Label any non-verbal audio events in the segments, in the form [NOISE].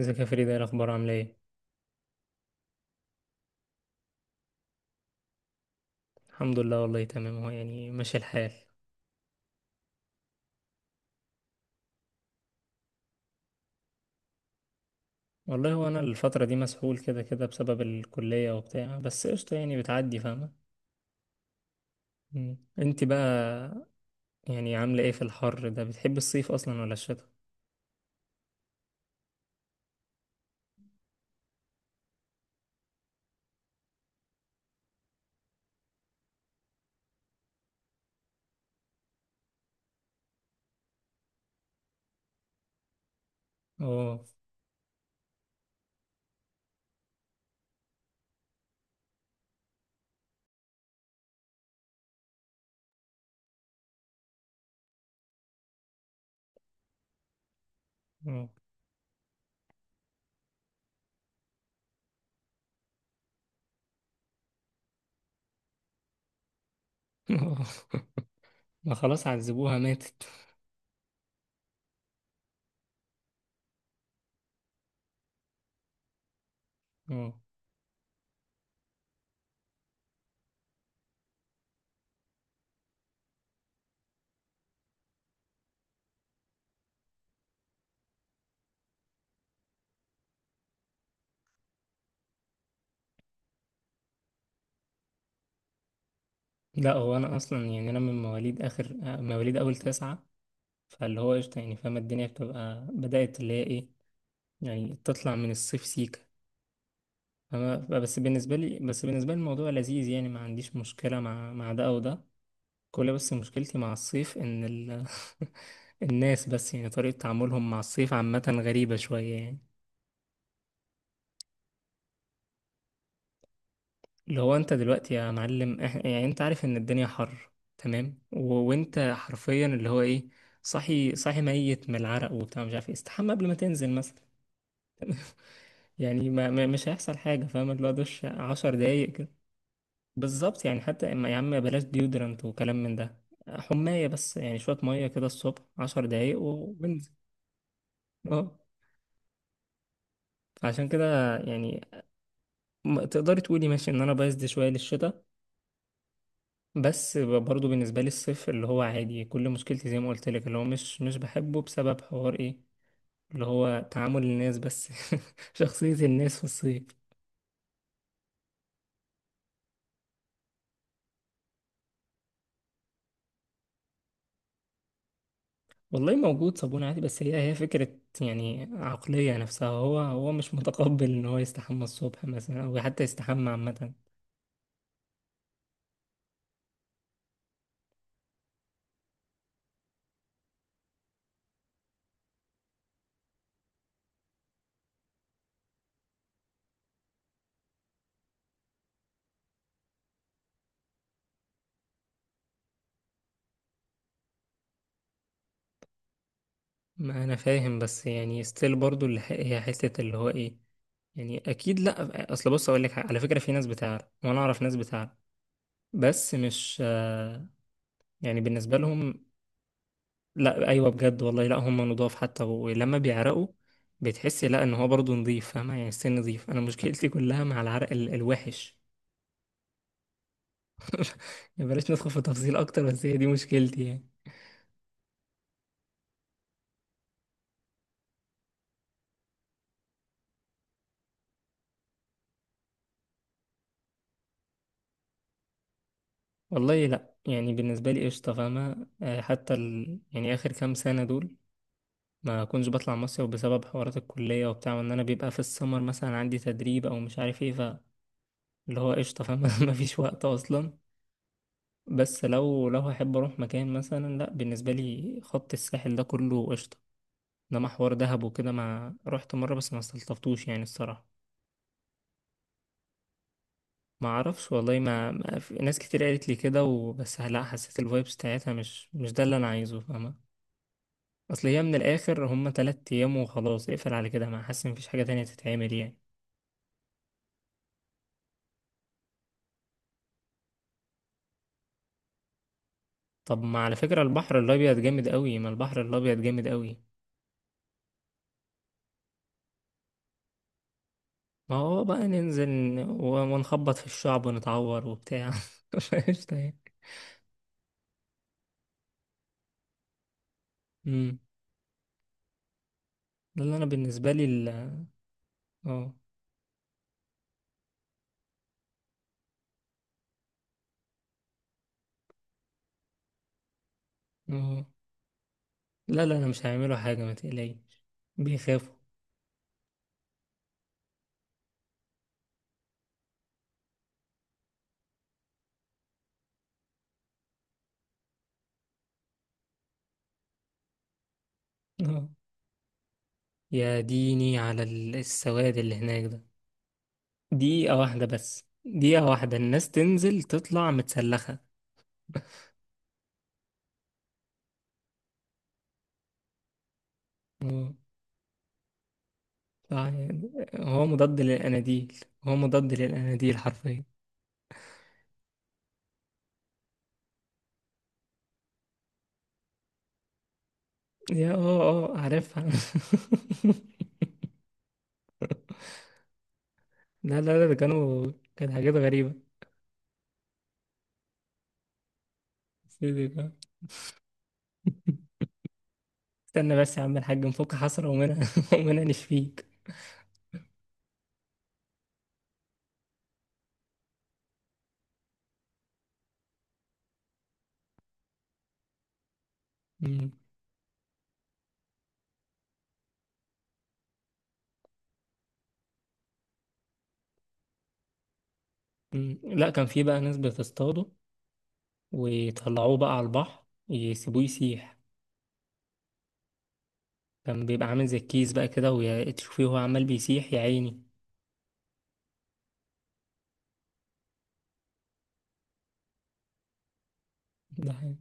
ازيك يا فريدة؟ ايه الاخبار؟ عامله ايه؟ الحمد لله، والله تمام، هو يعني ماشي الحال. والله هو انا الفتره دي مسحول كده كده بسبب الكليه وبتاع، بس قشطه يعني، بتعدي، فاهمه. مم. انت بقى يعني عامله ايه في الحر ده؟ بتحب الصيف اصلا ولا الشتاء؟ اه. اه. [LAUGHS] ما خلاص، عذبوها، ماتت. اه، لا هو انا اصلا يعني انا من مواليد اخر مواليد اول تسعة. فاللي هو قشطه يعني فاهمه، الدنيا بتبقى بدات اللي هي ايه، يعني تطلع من الصيف سيكا. انا بس بالنسبه لي الموضوع لذيذ، يعني ما عنديش مشكله مع ده او ده. كل بس مشكلتي مع الصيف ان [LAUGHS] الناس، بس يعني طريقه تعاملهم مع الصيف عامه غريبه شويه يعني. اللي هو انت دلوقتي يا معلم يعني انت عارف ان الدنيا حر. تمام، وانت حرفيا اللي هو ايه، صاحي صاحي ميت من العرق وبتاع مش عارف ايه، استحمى قبل ما تنزل مثلا. [LAUGHS] يعني ما... ما... مش هيحصل حاجه، فاهم؟ اللي هو دش 10 دقايق كده. بالظبط يعني، حتى اما يا عم بلاش ديودرنت وكلام من ده، حماية بس، يعني شوية مية كده الصبح 10 دقايق وبنزل. اه، فعشان كده يعني، تقدري تقولي ماشي ان انا بايظ شوية للشتاء، بس برضو بالنسبة لي الصيف اللي هو عادي، كل مشكلتي زي ما قلت لك اللي هو مش بحبه بسبب حوار ايه، اللي هو تعامل الناس بس. [LAUGHS] شخصية الناس في الصيف. والله موجود صابون عادي بس، هي فكرة يعني عقلية، نفسها هو مش متقبل ان هو يستحمى الصبح مثلا او حتى يستحمى عامة. ما انا فاهم بس يعني ستيل برضو اللي هي حتة اللي هو ايه، يعني اكيد. لا اصل بص اقول لك حاجة، على فكرة في ناس بتعرف، وانا اعرف ناس بتعرف، بس مش يعني بالنسبة لهم. لا، ايوه بجد والله، لا هم نضاف حتى ولما بيعرقوا، بتحسي لا ان هو برضو نضيف، فاهمة يعني السن نضيف. انا مشكلتي كلها مع العرق الوحش يعني، بلاش ندخل في تفاصيل اكتر، بس هي دي مشكلتي يعني. والله لا يعني بالنسبة لي قشطة، فاهمة؟ حتى يعني اخر كام سنة دول ما كنتش بطلع مصيف بسبب حوارات الكلية وبتاع، وان انا بيبقى في السمر مثلا عندي تدريب او مش عارف ايه، فاللي هو قشطة فاهم، [LAUGHS] مفيش وقت اصلا. بس لو هحب اروح مكان مثلا، لا بالنسبة لي خط الساحل ده كله قشطة، انما حوار دهب وكده، ما رحت مرة بس ما استلطفتوش يعني الصراحة. ما اعرفش والله، ما في ناس كتير قالت لي كده، وبس لا حسيت الفايبس بتاعتها مش ده اللي انا عايزه، فاهمة؟ اصل هي من الاخر هما 3 ايام وخلاص، اقفل على كده ما حاسس إن مفيش حاجة تانية تتعمل يعني. طب ما على فكرة البحر الأبيض جامد قوي، ما البحر الأبيض جامد قوي. ما هو بقى ننزل ونخبط في الشعب ونتعور وبتاع، [LAUGHS] قشطة يعني. أمم. ده اللي أنا بالنسبة لي ال، اه. اه، لا لا، أنا مش هيعملوا حاجة، ما تقلقيش. بيخافوا. اه، يا ديني على السواد اللي هناك ده. دقيقة واحدة بس، دقيقة واحدة الناس تنزل تطلع متسلخة. اه. يعني هو مضاد للأناديل، هو مضاد للأناديل حرفيا. يا اه، اه، عارفها. [LAUGHS] لا لا لا، ده كانوا كانت حاجات غريبة. سيدي ده. استنى بس يا عم الحاج نفك حسرة ومنها، [LAUGHS] ومنها نشفيك. مم. مم. لا كان في بقى ناس بتصطاده ويطلعوه بقى على البحر يسيبوه يسيح. كان بيبقى عامل زي الكيس بقى كده، وتشوفيه وهو عمال بيسيح يا عيني. ده حقيقي.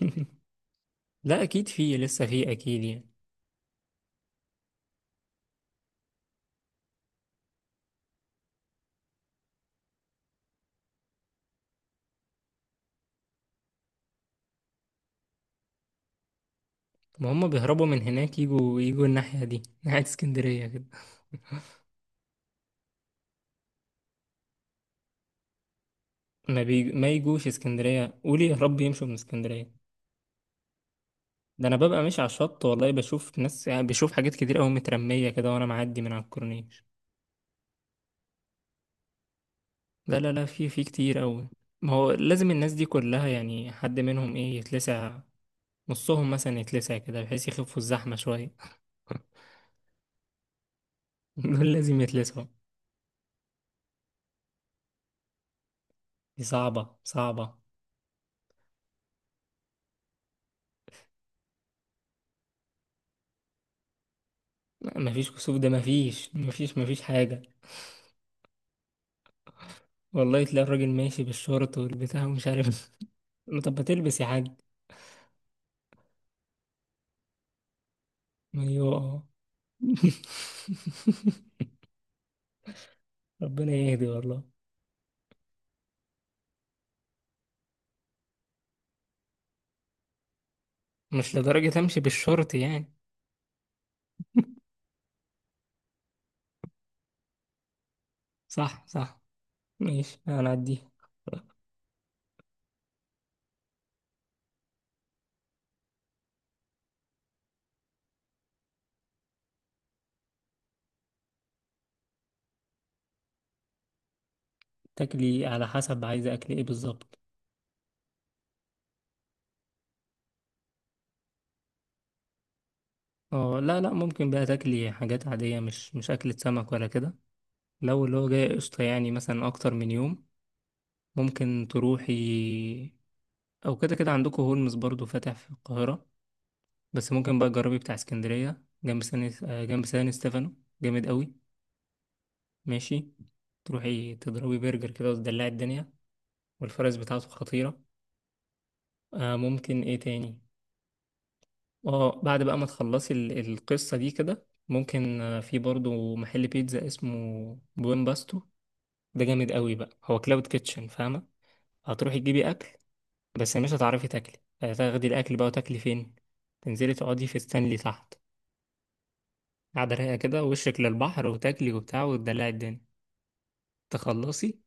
[LAUGHS] لا اكيد في، لسه في اكيد يعني. ما هم بيهربوا من هناك، يجوا يجوا الناحية دي، ناحية اسكندرية كده. ما يجوش اسكندرية، قولي يا رب يمشوا من اسكندرية. ده انا ببقى ماشي على الشط والله بشوف ناس، يعني بشوف حاجات كتير قوي مترمية كده وانا معدي من على الكورنيش. لا لا لا، في كتير قوي، ما هو لازم الناس دي كلها يعني حد منهم ايه يتلسع، نصهم مثلا يتلسع كده بحيث يخفوا الزحمة شوية. [LAUGHS] دول لازم يتلسعوا. دي صعبة صعبة. لا، مفيش كسوف ده، مفيش مفيش مفيش حاجة. والله تلاقي الراجل ماشي بالشورت والبتاع ومش عارف. [LAUGHS] طب ما تلبس يا حاج. ايوه. آه. [LAUGHS] ربنا يهدي والله. مش لدرجة امشي بالشورت يعني. صح، صح، ماشي انا عدي. تاكلي على حسب عايزة اكل ايه بالظبط. اه، لا لا، ممكن بقى تاكلي حاجات عادية، مش اكلة سمك ولا كده. لو اللي هو جاي قشطة يعني مثلا اكتر من يوم ممكن تروحي، او كده كده عندكم هولمز برضو فاتح في القاهرة، بس ممكن بقى تجربي بتاع اسكندرية جنب سان جنب سان ستيفانو، جامد قوي. ماشي، تروحي تضربي برجر كده وتدلعي الدنيا، والفرز بتاعته خطيرة. ممكن ايه تاني؟ اه، بعد بقى ما تخلصي القصة دي كده، ممكن في برضو محل بيتزا اسمه بوين باستو، ده جامد قوي بقى، هو كلاود كيتشن فاهمة؟ هتروحي تجيبي أكل بس مش هتعرفي تاكلي، هتاخدي الأكل بقى وتاكلي فين؟ تنزلي تقعدي في ستانلي تحت، قاعدة رايقة كده ووشك للبحر، وتاكلي وبتاع وتدلعي الدنيا. تخلصي،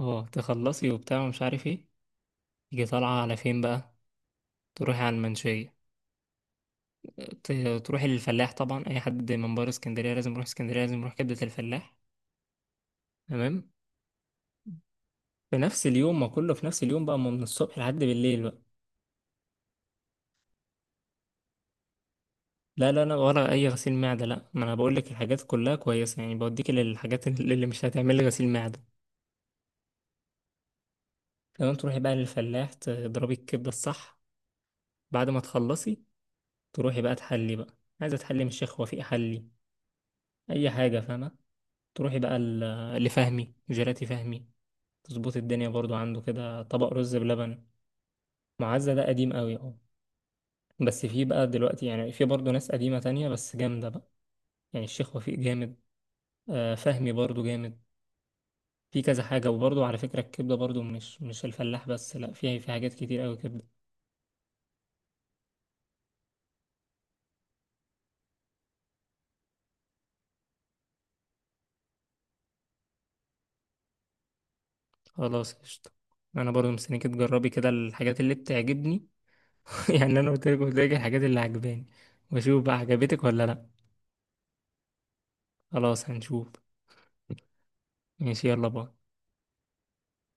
اه تخلصي وبتاع ومش عارف ايه، تيجي طالعة على فين بقى؟ تروحي على المنشية، تروح الفلاح طبعا، اي حد من بره اسكندريه لازم يروح اسكندريه، لازم يروح كبده الفلاح. تمام، في نفس اليوم، ما كله في نفس اليوم بقى، ما من الصبح لحد بالليل بقى. لا لا لا، ولا اي غسيل معده، لا ما انا بقول لك الحاجات كلها كويسه يعني، بوديك للحاجات اللي مش هتعمل لي غسيل معده. تمام، تروحي بقى للفلاح تضربي الكبده الصح، بعد ما تخلصي تروحي بقى تحلي بقى، عايزه تحلي من الشيخ وفيق حلي اي حاجه فاهمه. تروحي بقى لفهمي جيلاتي فهمي، تظبط الدنيا برضو عنده كده طبق رز بلبن. معزة ده قديم قوي اه، بس في بقى دلوقتي يعني في برضه ناس قديمة تانية بس جامدة بقى. يعني الشيخ وفيق جامد، فهمي برضه جامد، في كذا حاجة. وبرضه على فكرة الكبدة برضه مش الفلاح بس، لا فيها، في حاجات كتير قوي كبدة. خلاص قشطة، انا برضه مستنيك تجربي كده الحاجات اللي بتعجبني. [LAUGHS] يعني انا قلت لك الحاجات اللي عجباني، واشوف بقى عجبتك ولا لا. خلاص هنشوف. ماشي يلا باي.